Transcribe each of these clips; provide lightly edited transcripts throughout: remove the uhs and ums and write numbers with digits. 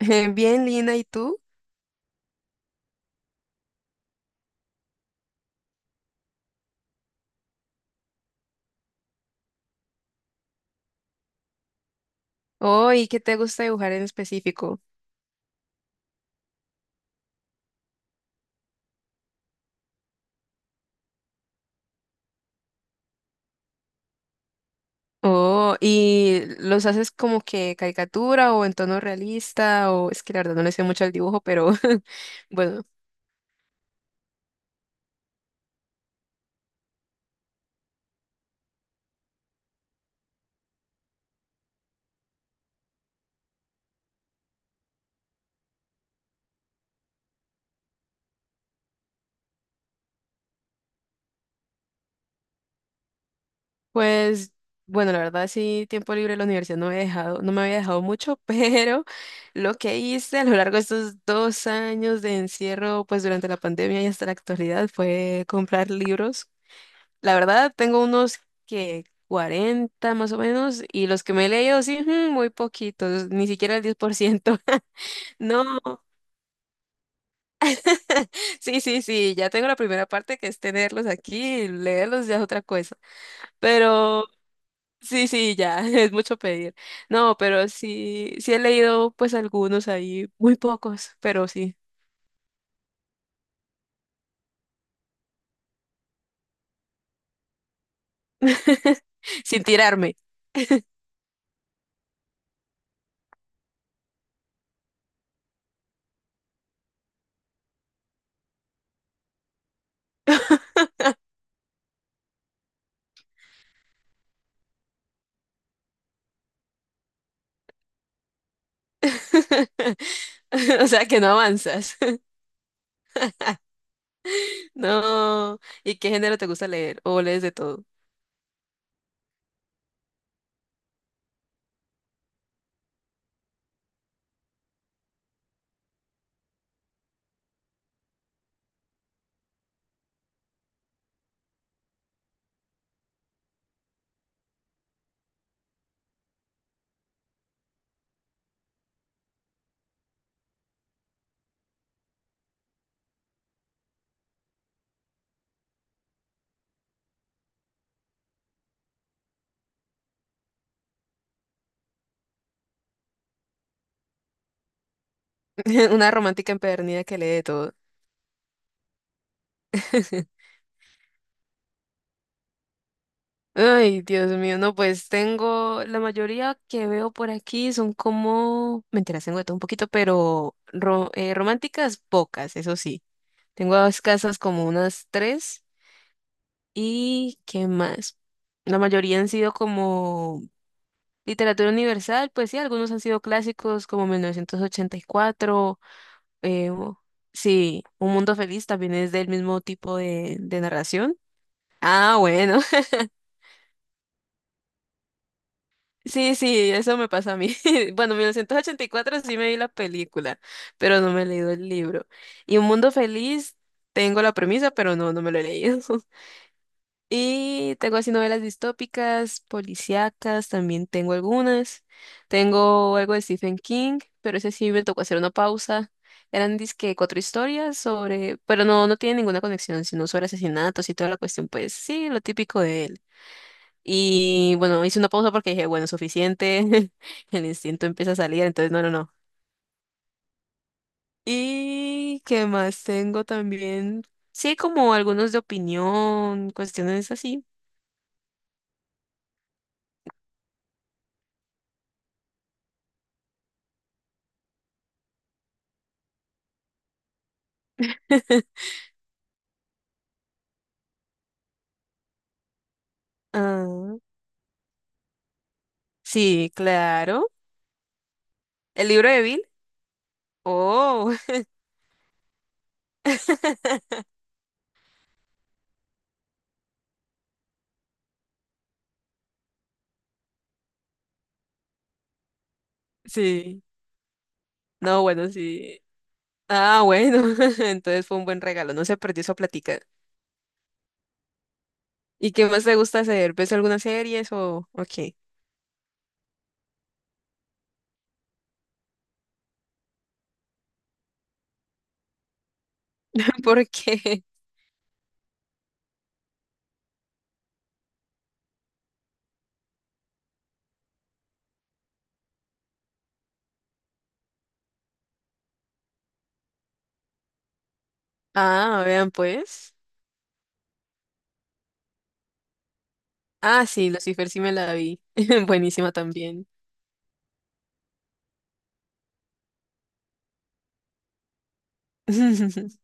Bien, Lina, ¿y tú? Oh, ¿y qué te gusta dibujar en específico? Oh, ¿y los haces como que caricatura o en tono realista? O es que la verdad no le sé mucho al dibujo, pero bueno, pues bueno, la verdad sí, tiempo libre en la universidad no me había dejado mucho, pero lo que hice a lo largo de estos 2 años de encierro, pues durante la pandemia y hasta la actualidad, fue comprar libros. La verdad, tengo unos que 40 más o menos, y los que me he leído, sí, ujú, muy poquitos, ni siquiera el 10 por ciento. No, sí, sí, sí, ya tengo la primera parte que es tenerlos aquí, leerlos ya es otra cosa. Pero sí, sí, ya, es mucho pedir. No, pero sí, sí he leído pues algunos ahí, muy pocos, pero sí. Sin tirarme. O sea que no avanzas. No. ¿Y qué género te gusta leer? ¿O lees de todo? Una romántica empedernida que lee de todo. Ay, Dios mío, no, pues tengo, la mayoría que veo por aquí son como, mentiras, tengo de todo un poquito, pero románticas pocas, eso sí. Tengo escasas como unas tres y ¿qué más? La mayoría han sido como literatura universal, pues sí, algunos han sido clásicos como 1984, eh, o- sí, Un Mundo Feliz también es del mismo tipo de narración. Ah, bueno. Sí, sí, eso me pasa a mí. Bueno, 1984 sí me vi la película, pero no me he leído el libro. Y Un Mundo Feliz, tengo la premisa, pero no, no me lo he leído. Y tengo así novelas distópicas, policíacas, también tengo algunas. Tengo algo de Stephen King, pero ese sí me tocó hacer una pausa. Eran dizque 4 historias sobre, pero no, no tiene ninguna conexión, sino sobre asesinatos y toda la cuestión, pues sí, lo típico de él. Y bueno, hice una pausa porque dije, bueno, suficiente. El instinto empieza a salir, entonces no, no, no. ¿Y qué más tengo también? Sí, como algunos de opinión, cuestiones así. Ah, sí, claro. ¿El libro de Bill? Oh, sí. No, bueno, sí. Ah, bueno. Entonces fue un buen regalo. No se perdió esa plática. ¿Y qué más te gusta hacer? ¿Ves algunas series o qué? ¿Por qué? Ah, vean pues. Ah, sí, Lucifer sí me la vi. Buenísima también.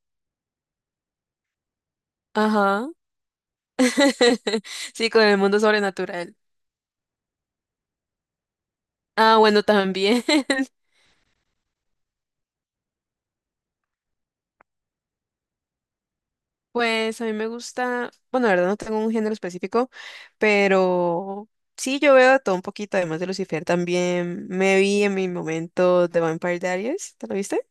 Ajá. Sí, con el mundo sobrenatural. Ah, bueno, también. Pues a mí me gusta, bueno, la verdad no tengo un género específico, pero sí, yo veo de todo un poquito, además de Lucifer, también me vi en mi momento The Vampire Diaries, ¿te lo viste?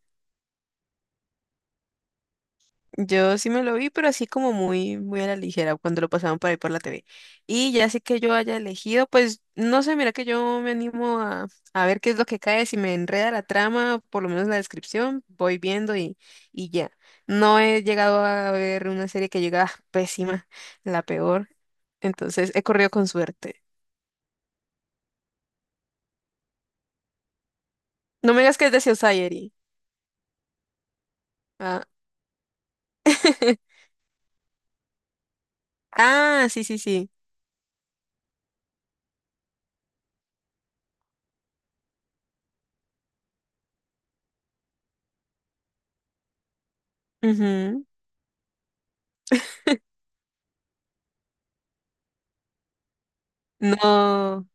Yo sí me lo vi, pero así como muy, muy a la ligera cuando lo pasaban por ahí por la TV. Y ya sé que yo haya elegido, pues no sé, mira que yo me animo a ver qué es lo que cae, si me enreda la trama, por lo menos la descripción, voy viendo y ya. No he llegado a ver una serie que llega ah, pésima, la peor, entonces he corrido con suerte. No me digas que es de Society. Ah, ah, sí, sí, sí. Ujú. No.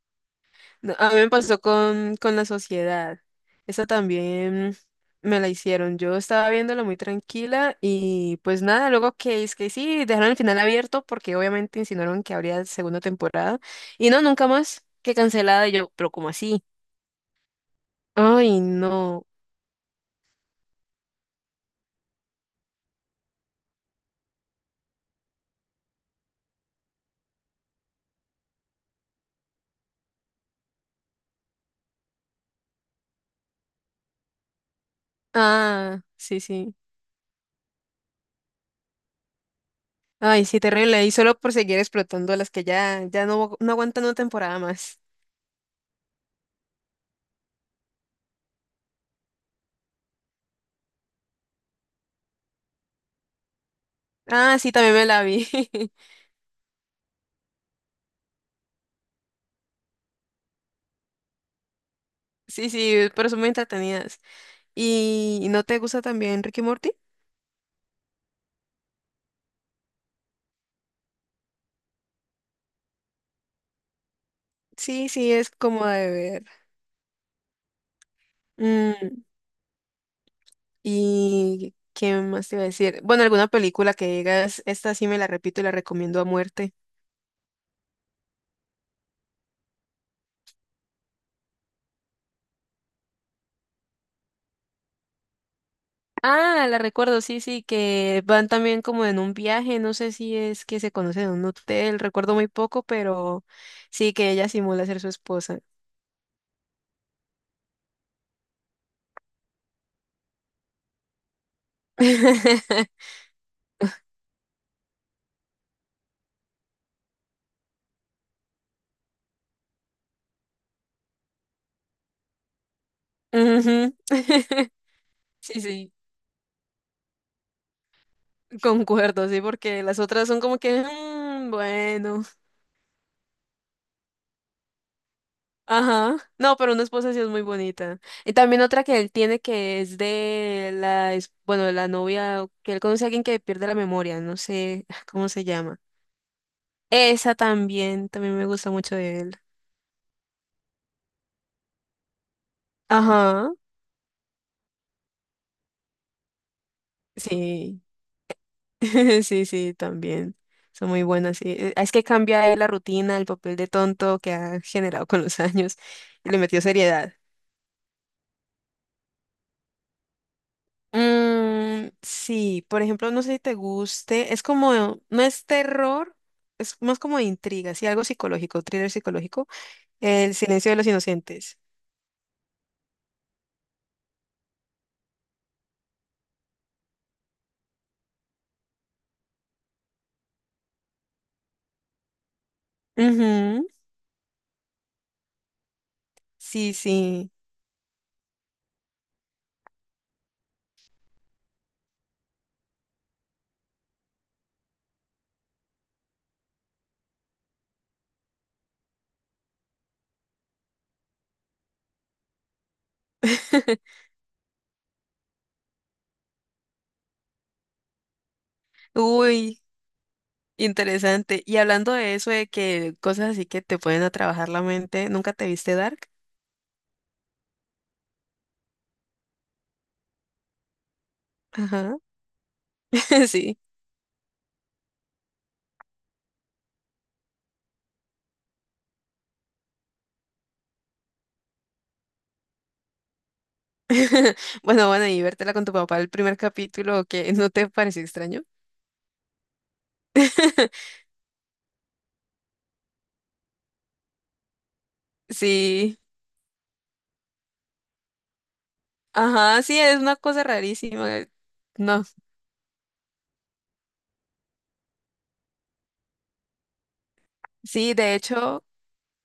No, a mí me pasó con La Sociedad. Esa también me la hicieron. Yo estaba viéndola muy tranquila y pues nada, luego que es que sí, dejaron el final abierto porque obviamente insinuaron que habría segunda temporada. Y no, nunca más, que cancelada. Y yo, pero ¿cómo así? Ay, no. Ah, sí, sí. Ay, sí, terrible. Y solo por seguir explotando a las que ya, ya no, no aguantan una temporada más. Ah, sí, también me la vi. Sí, sí, pero son muy entretenidas. ¿Y no te gusta también Ricky Morty? Sí, sí, es como de ver. Mm, ¿Y qué más te iba a decir? Bueno, alguna película que digas, esta sí me la repito y la recomiendo a muerte. Ah, la recuerdo, sí, sí, que van también como en un viaje, no sé si es que se conocen en un hotel, recuerdo muy poco, pero sí que ella simula ser su esposa. Ujú. Sí, sí, concuerdo, sí, porque las otras son como que, "Mm, bueno". Ajá. No, pero una esposa sí es muy bonita. Y también otra que él tiene que es de la, es- bueno, de la novia, que él conoce a alguien que pierde la memoria, no sé cómo se llama. Esa también, también me gusta mucho de él. Ajá. Sí, sí, sí, también. Son muy buenas, sí. Es que cambia ahí la rutina, el papel de tonto que ha generado con los años y le metió seriedad. Sí, por ejemplo, no sé si te guste, es como, no es terror, es más como de intriga, sí, algo psicológico, thriller psicológico, El silencio de los inocentes. Ujú, sí, sí. Uy, interesante. Y hablando de eso, de que cosas así que te pueden a trabajar la mente, ¿nunca te viste Dark? Ajá, sí. Bueno, bueno, y vértela con tu papá el primer capítulo, que no te pareció extraño. Sí. Ajá, sí, es una cosa rarísima. No, sí, de hecho,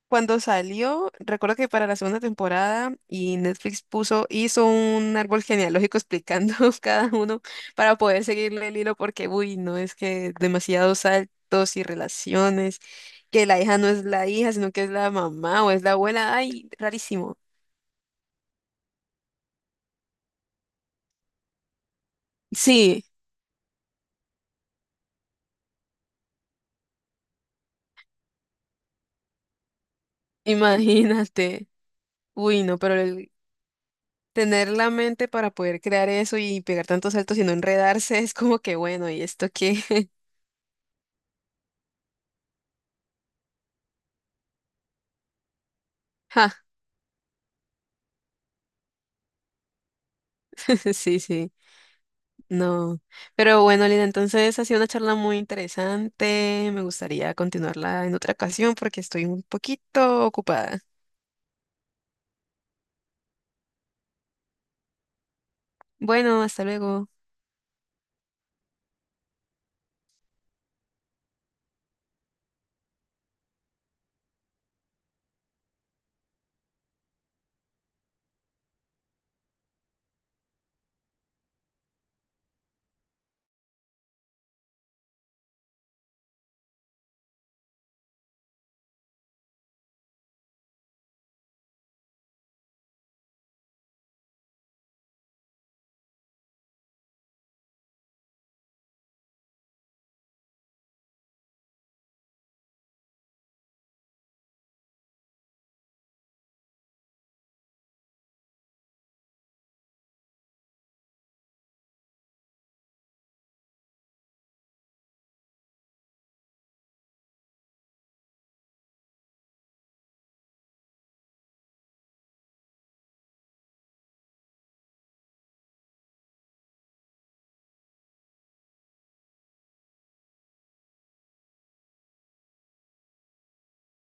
cuando salió, recuerdo que para la segunda temporada y Netflix puso, hizo un árbol genealógico explicando cada uno para poder seguirle el hilo porque, uy, no es que demasiados saltos y relaciones, que la hija no es la hija, sino que es la mamá o es la abuela, ay, rarísimo. Sí, imagínate. Uy, no, pero el- tener la mente para poder crear eso y pegar tantos saltos y no enredarse es como que bueno, ¿y esto qué? Ja, sí, sí, no. Pero bueno, Lina, entonces ha sido una charla muy interesante. Me gustaría continuarla en otra ocasión porque estoy un poquito ocupada. Bueno, hasta luego.